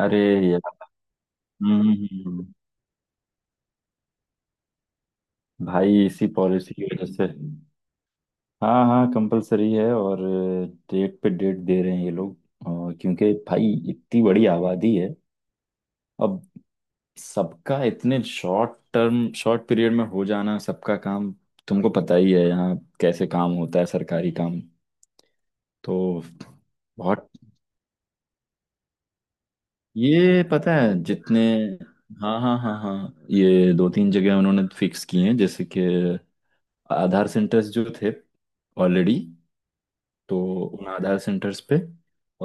अरे, यार। हम्म हम्म, हम्म। भाई, इसी पॉलिसी की वजह से। हाँ हाँ, कंपलसरी है, और डेट पे डेट दे रहे हैं ये लोग। और क्योंकि भाई इतनी बड़ी आबादी है, अब सबका इतने शॉर्ट टर्म शॉर्ट पीरियड में हो जाना सबका काम। तुमको पता ही है यहाँ कैसे काम होता है सरकारी काम। तो बहुत, ये पता है जितने। हाँ हाँ हाँ हाँ, ये दो तीन जगह उन्होंने फिक्स किए हैं, जैसे कि आधार सेंटर्स जो थे ऑलरेडी, तो उन आधार सेंटर्स पे,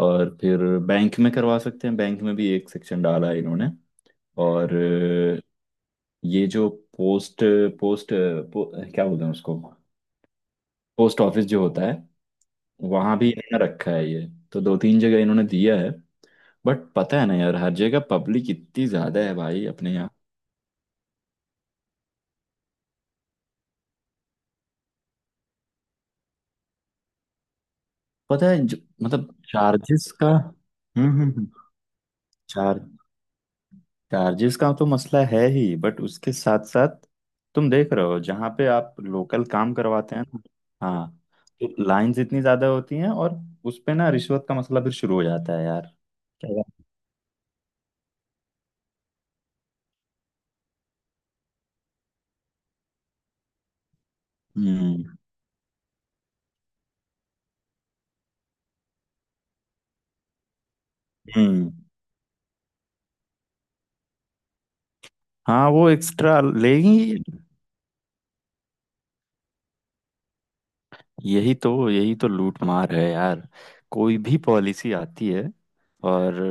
और फिर बैंक में करवा सकते हैं। बैंक में भी एक सेक्शन डाला है इन्होंने। और ये जो पोस्ट पोस्ट पो, क्या बोलते हैं उसको, पोस्ट ऑफिस जो होता है, वहाँ भी इन्होंने रखा है। ये तो दो तीन जगह इन्होंने दिया है। बट पता है ना यार, हर जगह पब्लिक इतनी ज़्यादा है भाई अपने यहाँ। पता है जो, मतलब चार्जेस का। हम्म हम्म हम्म। चार चार्जेस का तो मसला है ही, बट उसके साथ साथ, तुम देख रहे हो जहाँ पे आप लोकल काम करवाते हैं ना। हाँ। तो लाइंस इतनी ज्यादा होती हैं, और उस पे ना रिश्वत का मसला फिर शुरू हो जाता है यार। क्या बात? हम्म हम्म। हाँ, वो एक्स्ट्रा लेगी। यही तो लूट मार है यार। कोई भी पॉलिसी आती है, और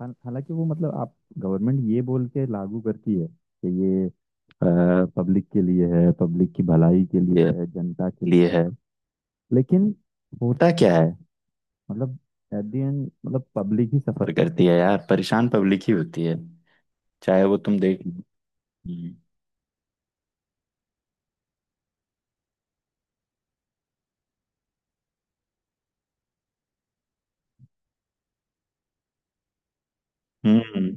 हालांकि वो, मतलब, आप गवर्नमेंट ये बोल के लागू करती है कि ये पब्लिक के लिए है, पब्लिक की भलाई के लिए है, जनता के लिए है, लेकिन होता क्या है, मतलब एट द एंड मतलब पब्लिक ही सफर करती है यार, परेशान पब्लिक ही होती है। चाहे वो, तुम देख। हम्म हम्म,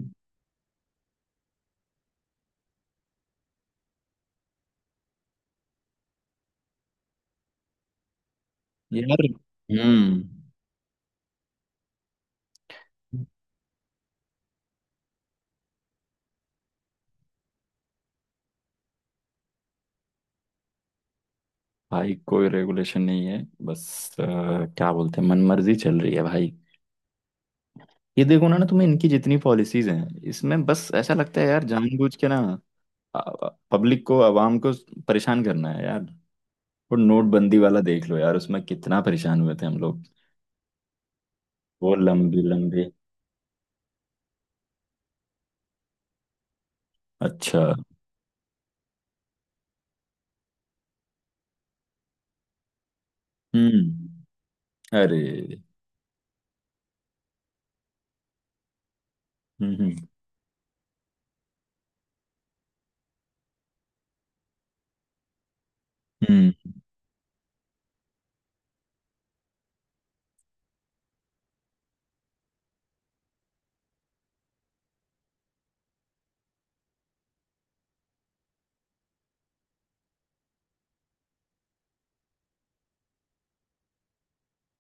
यार, हम्म। भाई कोई रेगुलेशन नहीं है, बस। अ, क्या बोलते हैं, मनमर्जी चल रही है भाई। ये देखो ना ना, तुम्हें इनकी जितनी पॉलिसीज हैं, इसमें बस ऐसा लगता है यार, जानबूझ के ना पब्लिक को, आवाम को परेशान करना है यार। वो नोटबंदी वाला देख लो यार, उसमें कितना परेशान हुए थे हम लोग। वो लंबी लंबी। अच्छा। हम्म। अरे। हम्म हम्म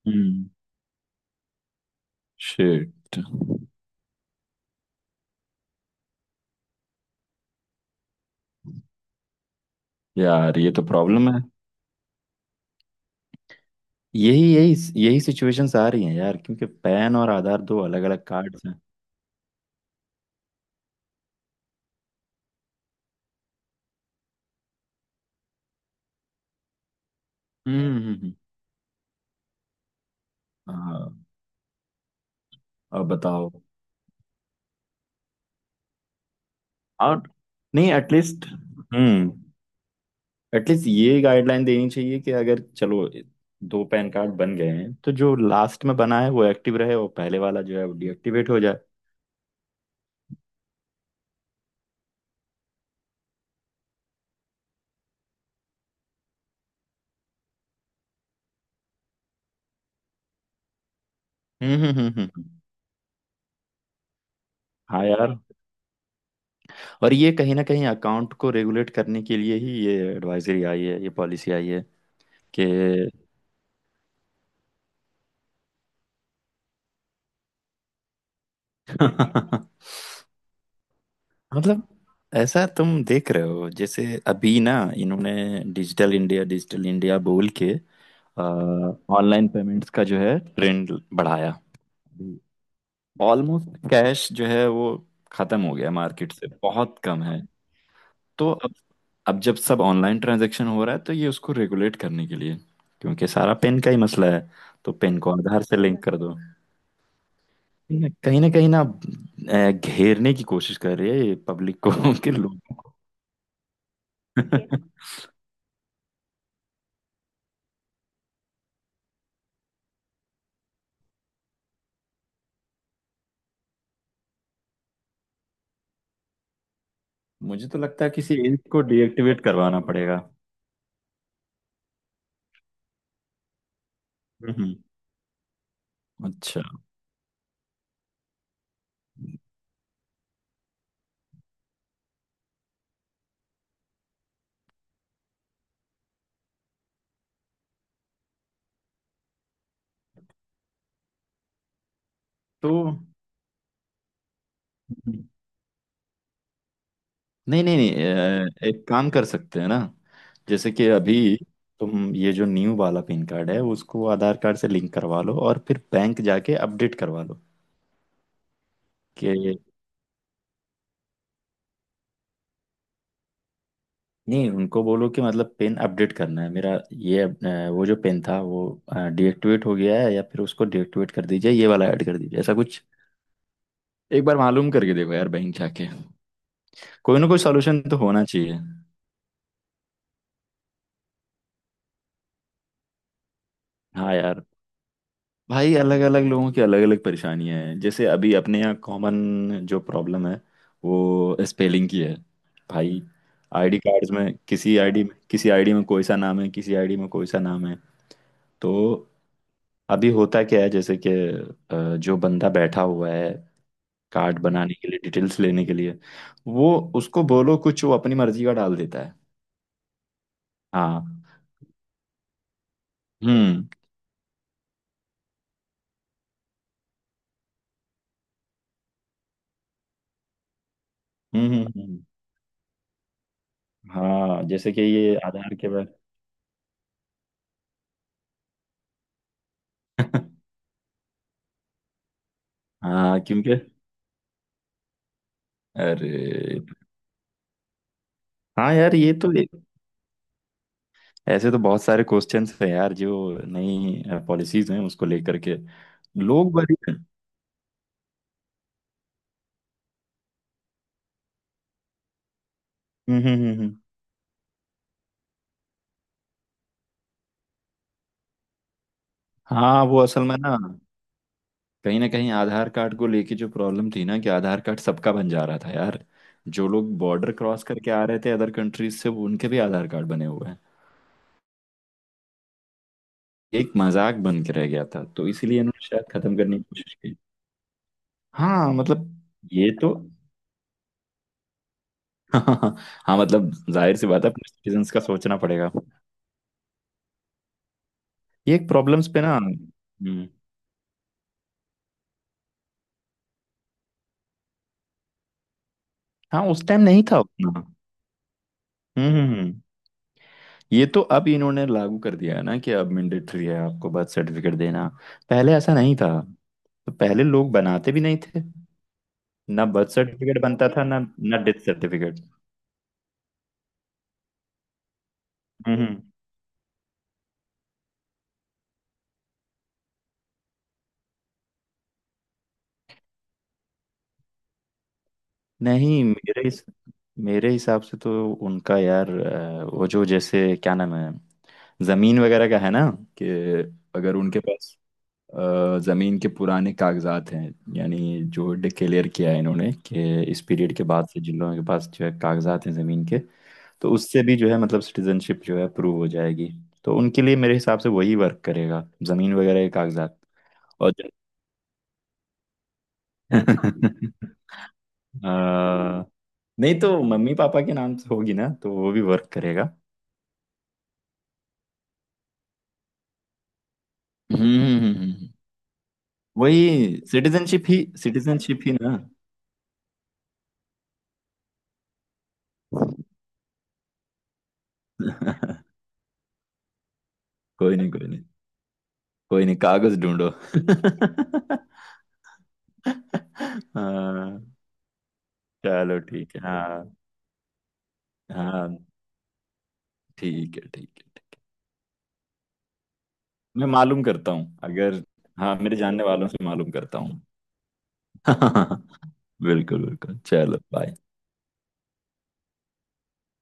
हम्म। शिट। यार, ये तो प्रॉब्लम है। यही यही यही सिचुएशंस आ रही हैं यार, क्योंकि पैन और आधार दो अलग अलग कार्ड्स हैं। हम्म हम्म, हम्म। हाँ। अब बताओ। और नहीं, एटलीस्ट, हम्म, एटलीस्ट ये गाइडलाइन देनी चाहिए कि अगर चलो दो पैन कार्ड बन गए हैं, तो जो लास्ट में बना है वो एक्टिव रहे, और पहले वाला जो है वो डीएक्टिवेट हो जाए। हम्म हम्म हम्म हम्म। हाँ यार, और ये कहीं ना कहीं अकाउंट को रेगुलेट करने के लिए ही ये एडवाइजरी आई है, ये पॉलिसी आई है कि, मतलब, ऐसा तुम देख रहे हो जैसे अभी ना, इन्होंने डिजिटल इंडिया बोल के ऑनलाइन पेमेंट्स का जो है ट्रेंड बढ़ाया। ऑलमोस्ट कैश जो है वो खत्म हो गया, मार्केट से बहुत कम है। तो अब, जब सब ऑनलाइन ट्रांजैक्शन हो रहा है, तो ये उसको रेगुलेट करने के लिए, क्योंकि सारा पेन का ही मसला है, तो पेन को आधार से लिंक कर दो। ये कहीं ना कहीं ना, घेरने की कोशिश कर रही है ये पब्लिक को, के लोगों को। मुझे तो लगता है किसी एक को डीएक्टिवेट करवाना पड़ेगा। हम्म। अच्छा। तो नहीं नहीं नहीं, एक काम कर सकते हैं ना। जैसे कि अभी तुम ये जो न्यू वाला पिन कार्ड है उसको आधार कार्ड से लिंक करवा लो, और फिर बैंक जाके अपडेट करवा लो कि, नहीं, उनको बोलो कि मतलब पिन अपडेट करना है मेरा, ये वो जो पिन था वो डीएक्टिवेट हो गया है, या फिर उसको डीएक्टिवेट कर दीजिए, ये वाला ऐड कर दीजिए, ऐसा कुछ। एक बार मालूम करके देखो यार बैंक जाके, कोई ना कोई सॉल्यूशन तो होना चाहिए। हाँ यार, भाई अलग अलग लोगों की अलग अलग परेशानियां हैं। जैसे अभी अपने यहाँ कॉमन जो प्रॉब्लम है, वो स्पेलिंग की है भाई। आईडी कार्ड्स में, किसी आईडी में किसी आईडी में कोई सा नाम है, किसी आईडी में कोई सा नाम है। तो अभी होता क्या है, जैसे कि जो बंदा बैठा हुआ है कार्ड बनाने के लिए, डिटेल्स लेने के लिए, वो, उसको बोलो कुछ, वो अपनी मर्जी का डाल देता है। हाँ। हम्म हम्म हम्म हम्म। हाँ, जैसे कि ये आधार के बाद। हाँ क्योंकि, अरे, हाँ यार, ऐसे तो बहुत सारे क्वेश्चंस हैं यार, जो नई पॉलिसीज हैं उसको लेकर के लोग बड़ी, हम्म। हम्म हाँ, वो असल में ना, कहीं ना कहीं आधार कार्ड को लेके जो प्रॉब्लम थी ना, कि आधार कार्ड सबका बन जा रहा था यार। जो लोग बॉर्डर क्रॉस करके आ रहे थे अदर कंट्रीज से, वो उनके भी आधार कार्ड बने हुए हैं, एक मजाक बन के रह गया था, तो इसीलिए इन्होंने शायद खत्म करने की कोशिश की। हाँ, मतलब ये तो, हाँ, मतलब जाहिर सी बात है, अपने सिटीजन्स का सोचना पड़ेगा। ये एक प्रॉब्लम्स पे ना, हम्म। हाँ, उस टाइम नहीं था उतना। हम्म हम्म, हम्म। ये तो अब इन्होंने लागू कर दिया है ना कि अब मैंडेटरी है आपको बर्थ सर्टिफिकेट देना। पहले ऐसा नहीं था, तो पहले लोग बनाते भी नहीं थे। ना बर्थ सर्टिफिकेट बनता था, ना ना डेथ सर्टिफिकेट। हम्म हम्म। नहीं, मेरे हिसाब से तो उनका यार, वो जो जैसे क्या नाम है, जमीन वगैरह का है ना, कि अगर उनके पास जमीन के पुराने कागजात हैं, यानी, जो डिक्लेयर किया है इन्होंने कि इस पीरियड के बाद से जिन लोगों के पास जो है कागजात हैं जमीन के, तो उससे भी जो है मतलब सिटीजनशिप जो है प्रूव हो जाएगी। तो उनके लिए मेरे हिसाब से वही वर्क करेगा, जमीन वगैरह के कागजात। और अ, नहीं तो मम्मी पापा के नाम से होगी ना, तो वो भी वर्क करेगा। हम्म हम्म, हम्म, हम्म। वही सिटीजनशिप ही, सिटीजनशिप ही ना। कोई नहीं, कोई नहीं, कोई नहीं, कागज ढूंढो। हाँ चलो, ठीक है। हाँ, हाँ ठीक है, ठीक है, ठीक। मैं मालूम करता हूँ, अगर, हाँ, मेरे जानने वालों से मालूम करता हूँ। बिल्कुल बिल्कुल, चलो बाय।